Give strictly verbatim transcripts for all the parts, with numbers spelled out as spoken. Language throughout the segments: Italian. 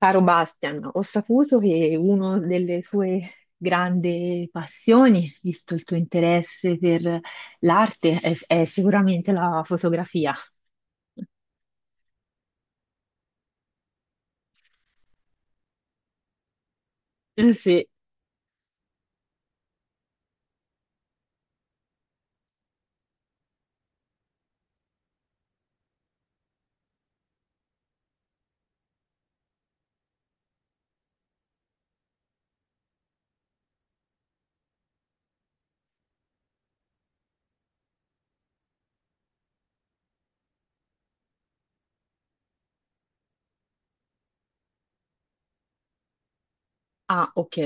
Caro Bastian, ho saputo che una delle tue grandi passioni, visto il tuo interesse per l'arte, è, è sicuramente la fotografia. Eh sì. Ah, ok.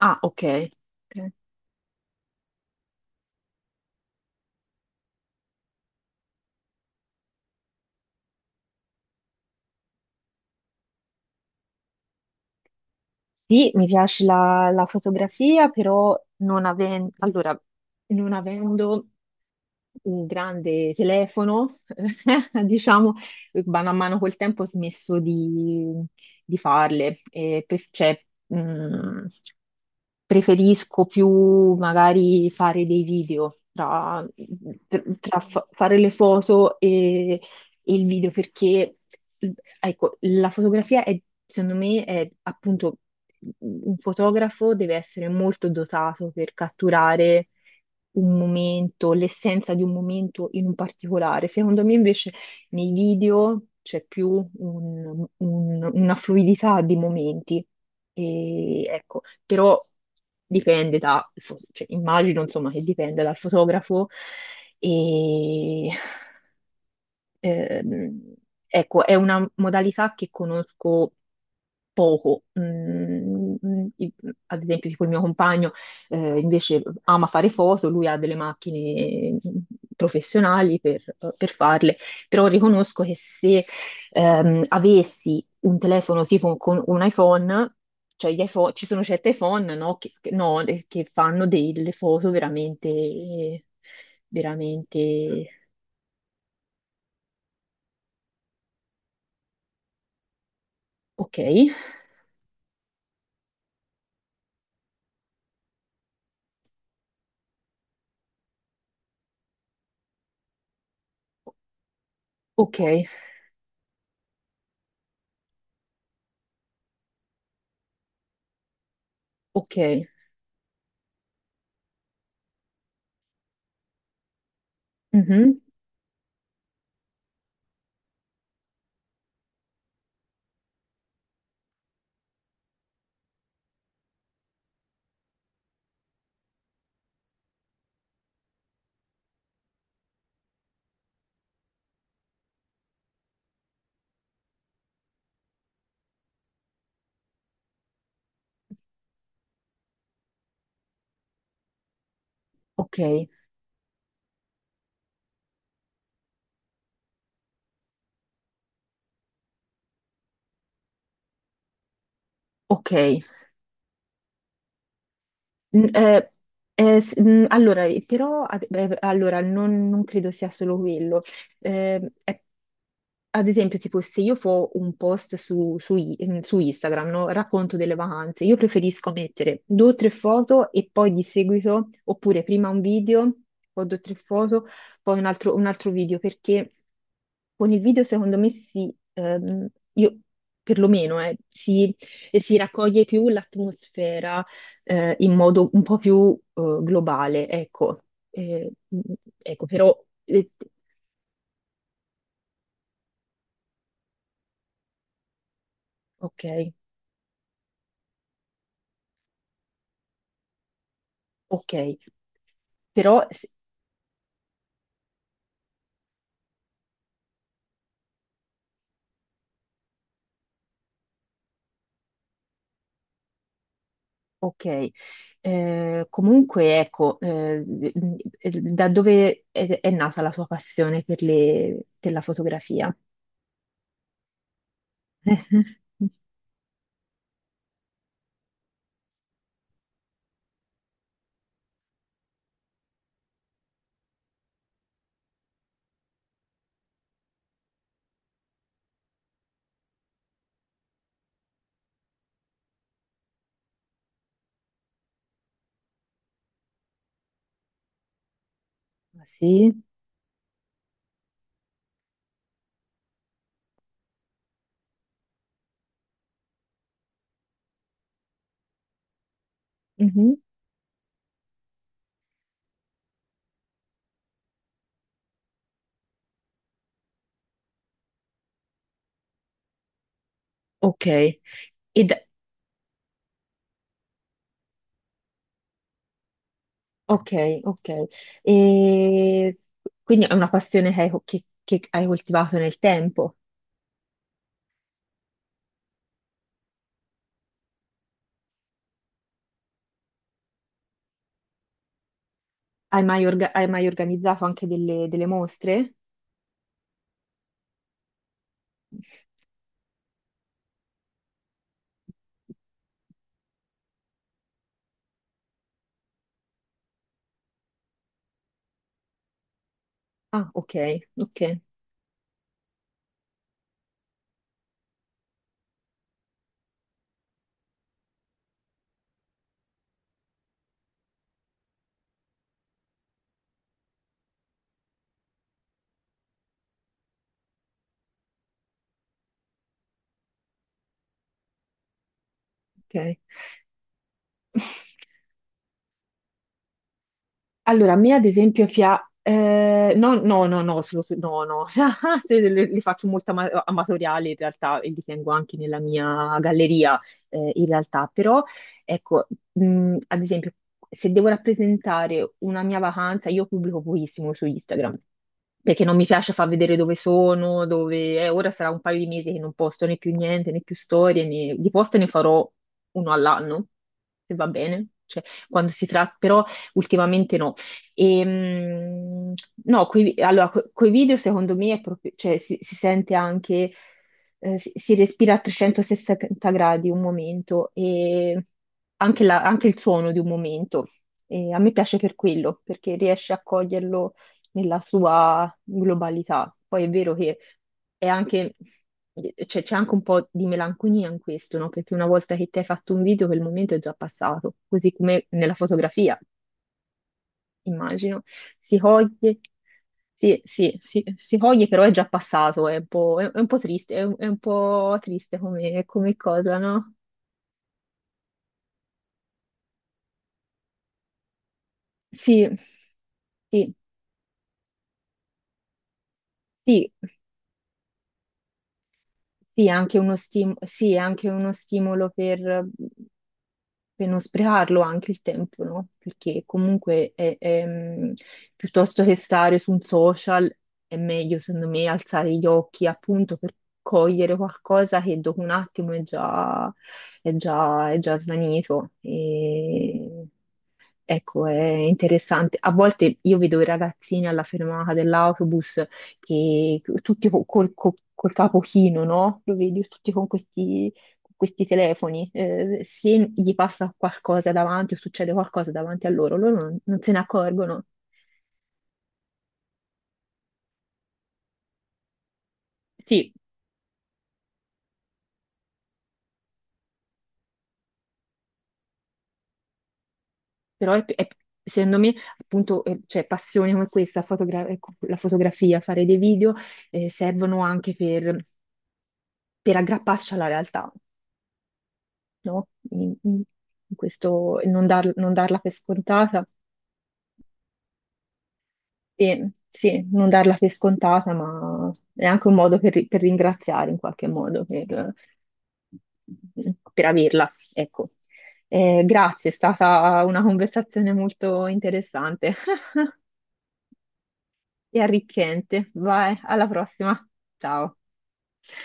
Ah, ok. Ok. Sì, mi piace la, la fotografia, però non aven- allora, non avendo un grande telefono, diciamo, mano a mano col tempo ho smesso di, di farle. E pre- cioè, mh, preferisco più magari fare dei video tra, tra- tra fa- fare le foto il video perché, ecco, la fotografia è, secondo me, è appunto un fotografo deve essere molto dotato per catturare un momento, l'essenza di un momento in un particolare. Secondo me invece nei video c'è più un- un- una fluidità di momenti. E, ecco, però dipende da, cioè, immagino insomma che dipende dal fotografo e Ehm, ecco, è una modalità che conosco poco. Mm, mm, i- ad esempio, tipo il mio compagno eh, invece ama fare foto, lui ha delle macchine mm, professionali per, per farle, però riconosco che se ehm, avessi un telefono tipo con un iPhone, cioè gli iPhone, ci sono certi iPhone, no, che, che- no, de- che fanno delle foto veramente, veramente ok. Okay, okay. Mh-mh. Okay, okay. Mm, eh, eh, s- mm, allora, eh, però, ad- eh, Allora, non, non credo sia solo quello. Eh, è- Ad esempio, tipo, se io fo un post su, su i- mm, su Instagram, no? Racconto delle vacanze, io preferisco mettere due o tre foto e poi di seguito, oppure prima un video, poi due o tre foto, poi un altro, un altro video, perché con il video, secondo me, si, ehm, io perlomeno, eh, si, si raccoglie più l'atmosfera eh, in modo un po' più eh, globale, ecco. Eh, mh, ecco, però, eh, ok, ok, però, s- ok. Eh, comunque, ecco, eh, mh, da dove è, è nata la tua passione per le- per la fotografia? Ah, sì. Mhm. Ok, e da- ok, ok. E quindi è una passione che hai, che- che hai coltivato nel tempo. Hai mai, orga- hai mai organizzato anche delle, delle mostre? Ah, ok, ok, ok. Allora, a me ad esempio pia... eh, no, no, no, no, se lo- se- no, no, se le, le faccio molto ama- amatoriali in realtà e li tengo anche nella mia galleria eh, in realtà, però ecco, mh, ad esempio, se devo rappresentare una mia vacanza, io pubblico pochissimo su Instagram, perché non mi piace far vedere dove sono, dove... eh, ora sarà un paio di mesi che non posto né più niente, né più storie, né... di post ne farò uno all'anno, se va bene, cioè quando si tratta però... Ultimamente no, e, mh, no, coi, allora, co- coi video secondo me è proprio, cioè, si, si sente anche, eh, si, si respira a trecentosessanta gradi un momento e anche, la- anche il suono di un momento. E a me piace per quello, perché riesce a coglierlo nella sua globalità. Poi è vero che è anche, c'è c'è anche un po' di melanconia in questo, no? Perché una volta che ti hai fatto un video, quel momento è già passato, così come nella fotografia immagino. Si coglie, sì, sì, sì, si coglie, però è già passato, è un po', è- è un po' triste, è un, è un po' triste come, come cosa, no? Sì, sì, sì. Sì, è anche uno stim- sì, è anche uno stimolo per, per non sprecarlo anche il tempo, no? Perché comunque è- è, mh, piuttosto che stare su un social è meglio, secondo me, alzare gli occhi appunto per cogliere qualcosa che dopo un attimo è già, è già, è già svanito. E... Ecco, è interessante. A volte io vedo i ragazzini alla fermata dell'autobus che tutti co- col, co- col capo chino, no? Lo vedi tutti con questi, con questi telefoni. Eh, se gli passa qualcosa davanti o succede qualcosa davanti a loro, loro non, non se ne accorgono. Sì, però è- è- secondo me, appunto, eh, cioè, passioni come questa, fotogra- ecco, la fotografia, fare dei video, eh, servono anche per per aggrapparci alla realtà. No? In, in- in questo, non, dar- non darla per scontata. E sì, non darla per scontata, ma è anche un modo per, ri- per ringraziare in qualche modo per, per averla. Ecco. Eh, grazie, è stata una conversazione molto interessante e arricchente. Vai, alla prossima. Ciao.